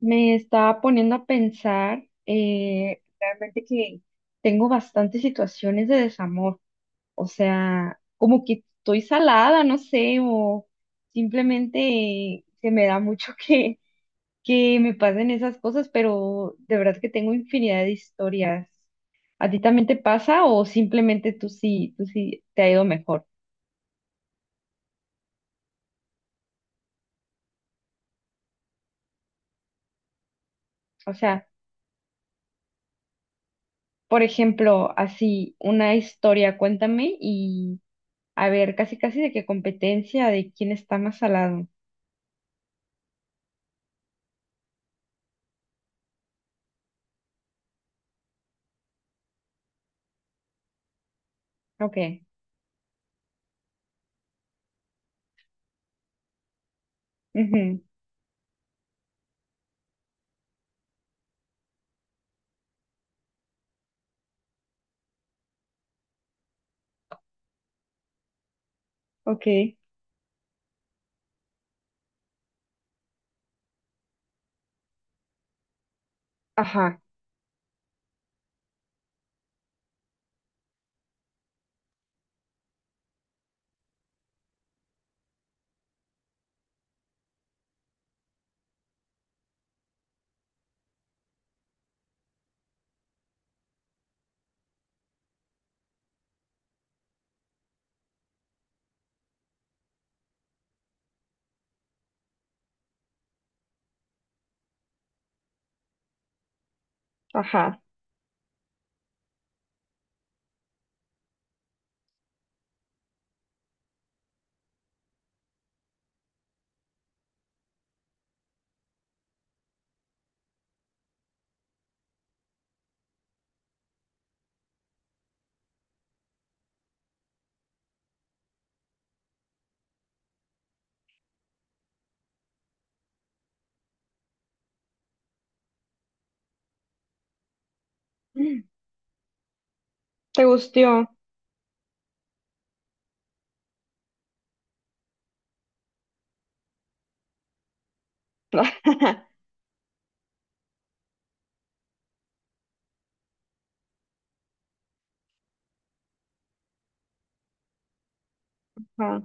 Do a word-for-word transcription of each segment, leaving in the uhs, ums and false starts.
Me estaba poniendo a pensar eh, realmente que tengo bastantes situaciones de desamor, o sea, como que estoy salada, no sé, o simplemente se me da mucho que, que me pasen esas cosas, pero de verdad que tengo infinidad de historias. ¿A ti también te pasa o simplemente tú sí, tú sí te ha ido mejor? O sea, por ejemplo, así, una historia, cuéntame. A ver, casi casi de qué competencia, de quién está más salado. Ok. Ujú. Ok. Ajá. Ajá. Mm. ¿Te gustó? Ajá.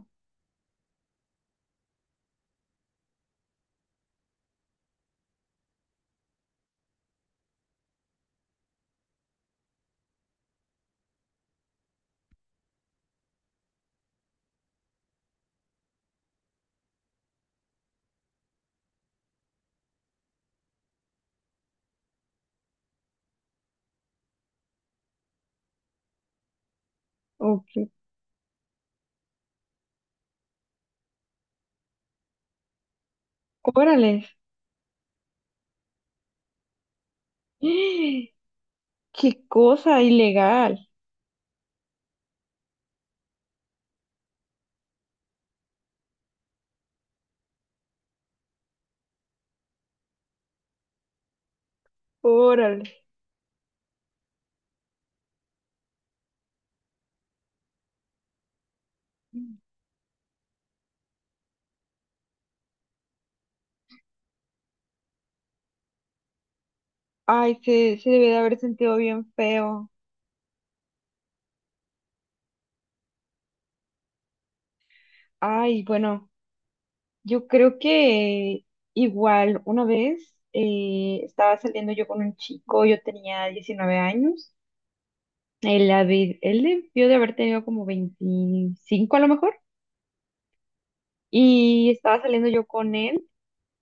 Ok. Órale. ¡Eh! Qué cosa ilegal. Órale. Ay, se, se debe de haber sentido bien feo. Ay, bueno, yo creo que igual una vez eh, estaba saliendo yo con un chico, yo tenía diecinueve años. Él, habi- él debió de haber tenido como veinticinco a lo mejor. Y estaba saliendo yo con él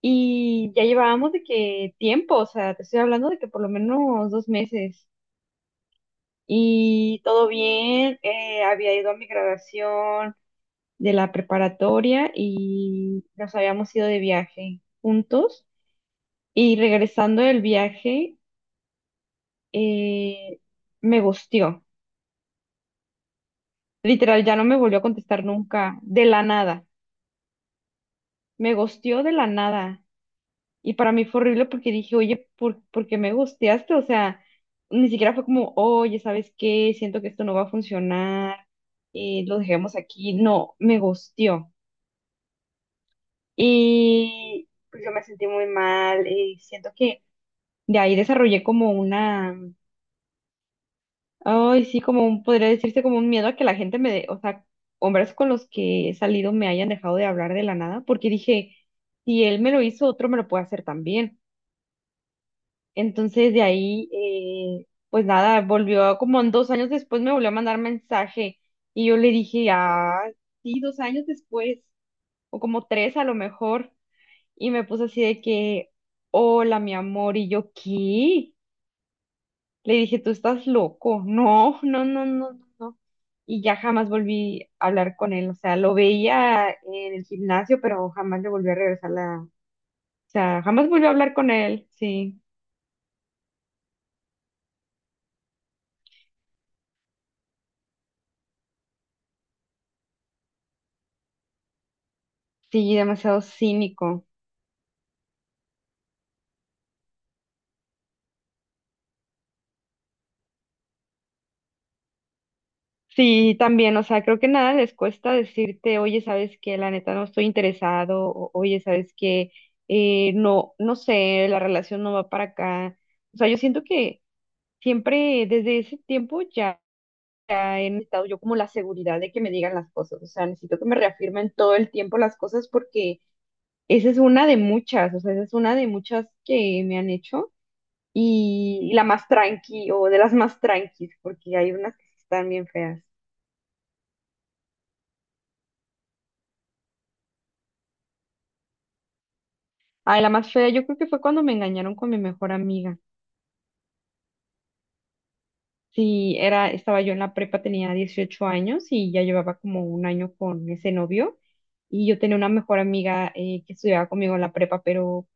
y ya llevábamos de que tiempo, o sea, te estoy hablando de que por lo menos dos meses. Y todo bien, eh, había ido a mi graduación de la preparatoria y nos habíamos ido de viaje juntos. Y regresando del viaje, eh, me gustió. Literal, ya no me volvió a contestar nunca, de la nada. Me gustió de la nada. Y para mí fue horrible porque dije, oye, ¿por, por qué me gusteaste? O sea, ni siquiera fue como, oye, ¿sabes qué? Siento que esto no va a funcionar, eh, lo dejemos aquí. No, me gusteó. Y pues yo me sentí muy mal y siento que de ahí desarrollé como una, ay, sí, como un, podría decirse como un miedo a que la gente me dé, o sea, hombres con los que he salido me hayan dejado de hablar de la nada, porque dije, si él me lo hizo, otro me lo puede hacer también. Entonces de ahí, eh, pues nada, volvió como en dos años después me volvió a mandar mensaje y yo le dije, ah, sí, dos años después, o como tres a lo mejor, y me puso así de que, hola, mi amor, y yo, ¿qué? Le dije, tú estás loco, no, no, no, no, no, no. Y ya jamás volví a hablar con él, o sea, lo veía en el gimnasio, pero jamás le volví a regresar la, o sea, jamás volví a hablar con él, sí, sí, demasiado cínico. Sí, también, o sea, creo que nada les cuesta decirte, oye, sabes que la neta no estoy interesado, o, oye, sabes que no, no sé, la relación no va para acá. O sea, yo siento que siempre desde ese tiempo ya he necesitado yo como la seguridad de que me digan las cosas, o sea, necesito que me reafirmen todo el tiempo las cosas porque esa es una de muchas, o sea, esa es una de muchas que me han hecho y la más tranqui o de las más tranquis, porque hay unas que sí están bien feas. Ay, la más fea, yo creo que fue cuando me engañaron con mi mejor amiga. Sí, era, estaba yo en la prepa, tenía dieciocho años y ya llevaba como un año con ese novio. Y yo tenía una mejor amiga eh, que estudiaba conmigo en la prepa, pero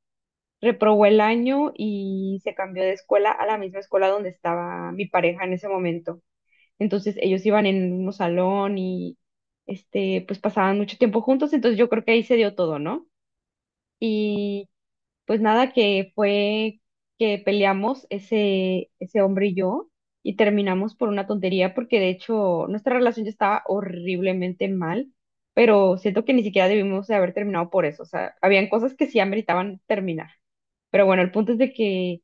reprobó el año y se cambió de escuela a la misma escuela donde estaba mi pareja en ese momento. Entonces ellos iban en el mismo salón y este, pues pasaban mucho tiempo juntos, entonces yo creo que ahí se dio todo, ¿no? Y pues nada, que fue que peleamos ese, ese hombre y yo y terminamos por una tontería porque de hecho nuestra relación ya estaba horriblemente mal, pero siento que ni siquiera debimos de haber terminado por eso. O sea, habían cosas que sí ameritaban terminar. Pero bueno, el punto es de que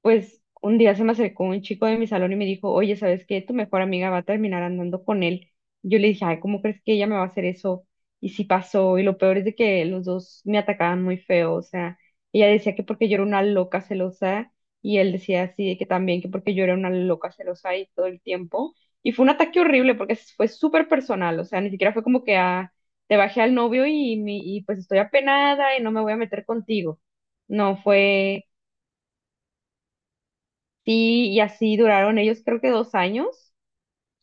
pues un día se me acercó un chico de mi salón y me dijo, oye, ¿sabes qué? Tu mejor amiga va a terminar andando con él. Yo le dije, ay, ¿cómo crees que ella me va a hacer eso? Y sí pasó, y lo peor es de que los dos me atacaban muy feo, o sea, ella decía que porque yo era una loca celosa, y él decía así, de que también que porque yo era una loca celosa y todo el tiempo. Y fue un ataque horrible porque fue súper personal, o sea, ni siquiera fue como que ah, te bajé al novio y, mi- y pues estoy apenada y no me voy a meter contigo. No fue. Sí, y así duraron ellos creo que dos años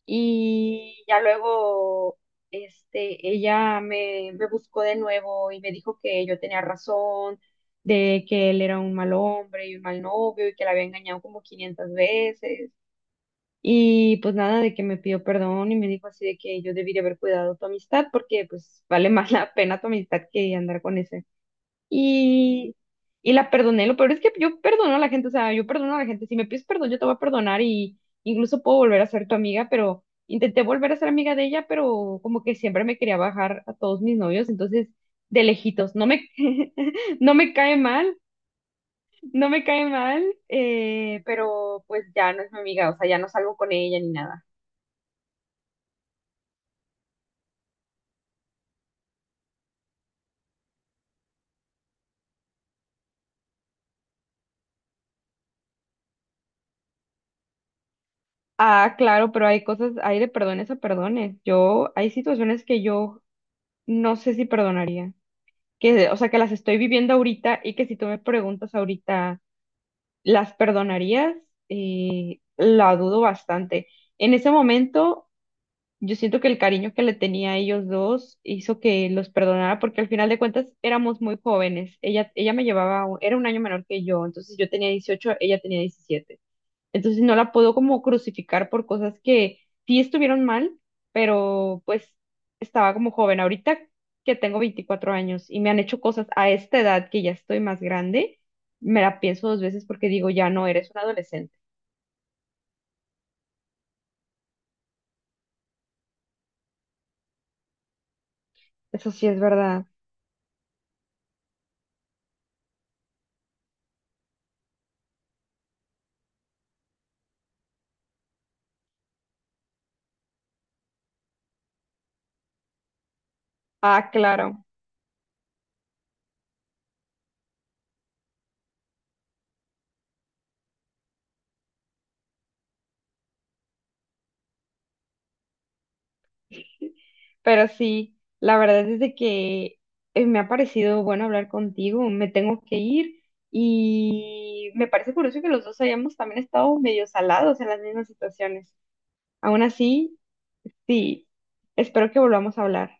y ya luego este, ella me, me buscó de nuevo y me dijo que yo tenía razón, de que él era un mal hombre y un mal novio y que la había engañado como quinientas veces. Y pues nada, de que me pidió perdón y me dijo así de que yo debería haber cuidado tu amistad porque pues vale más la pena tu amistad que andar con ese. Y, y la perdoné. Lo peor es que yo perdono a la gente, o sea, yo perdono a la gente. Si me pides perdón, yo te voy a perdonar y incluso puedo volver a ser tu amiga, pero intenté volver a ser amiga de ella, pero como que siempre me quería bajar a todos mis novios, entonces de lejitos. No me, no me cae mal, no me cae mal, eh, pero pues ya no es mi amiga, o sea, ya no salgo con ella ni nada. Ah, claro, pero hay cosas, hay de perdones a perdones. Yo, hay situaciones que yo no sé si perdonaría. Que, o sea, que las estoy viviendo ahorita y que si tú me preguntas ahorita, ¿las perdonarías? Eh, la dudo bastante. En ese momento, yo siento que el cariño que le tenía a ellos dos hizo que los perdonara porque al final de cuentas éramos muy jóvenes. Ella, ella me llevaba, un- era un año menor que yo, entonces yo tenía dieciocho ella tenía diecisiete, entonces no la puedo como crucificar por cosas que sí estuvieron mal, pero pues estaba como joven. Ahorita que tengo veinticuatro años y me han hecho cosas a esta edad que ya estoy más grande, me la pienso dos veces porque digo, ya no, eres un adolescente. Eso sí es verdad. Ah, claro. Pero sí, la verdad es de que eh, me ha parecido bueno hablar contigo. Me tengo que ir. Y me parece curioso que los dos hayamos también estado medio salados en las mismas situaciones. Aún así, sí, espero que volvamos a hablar.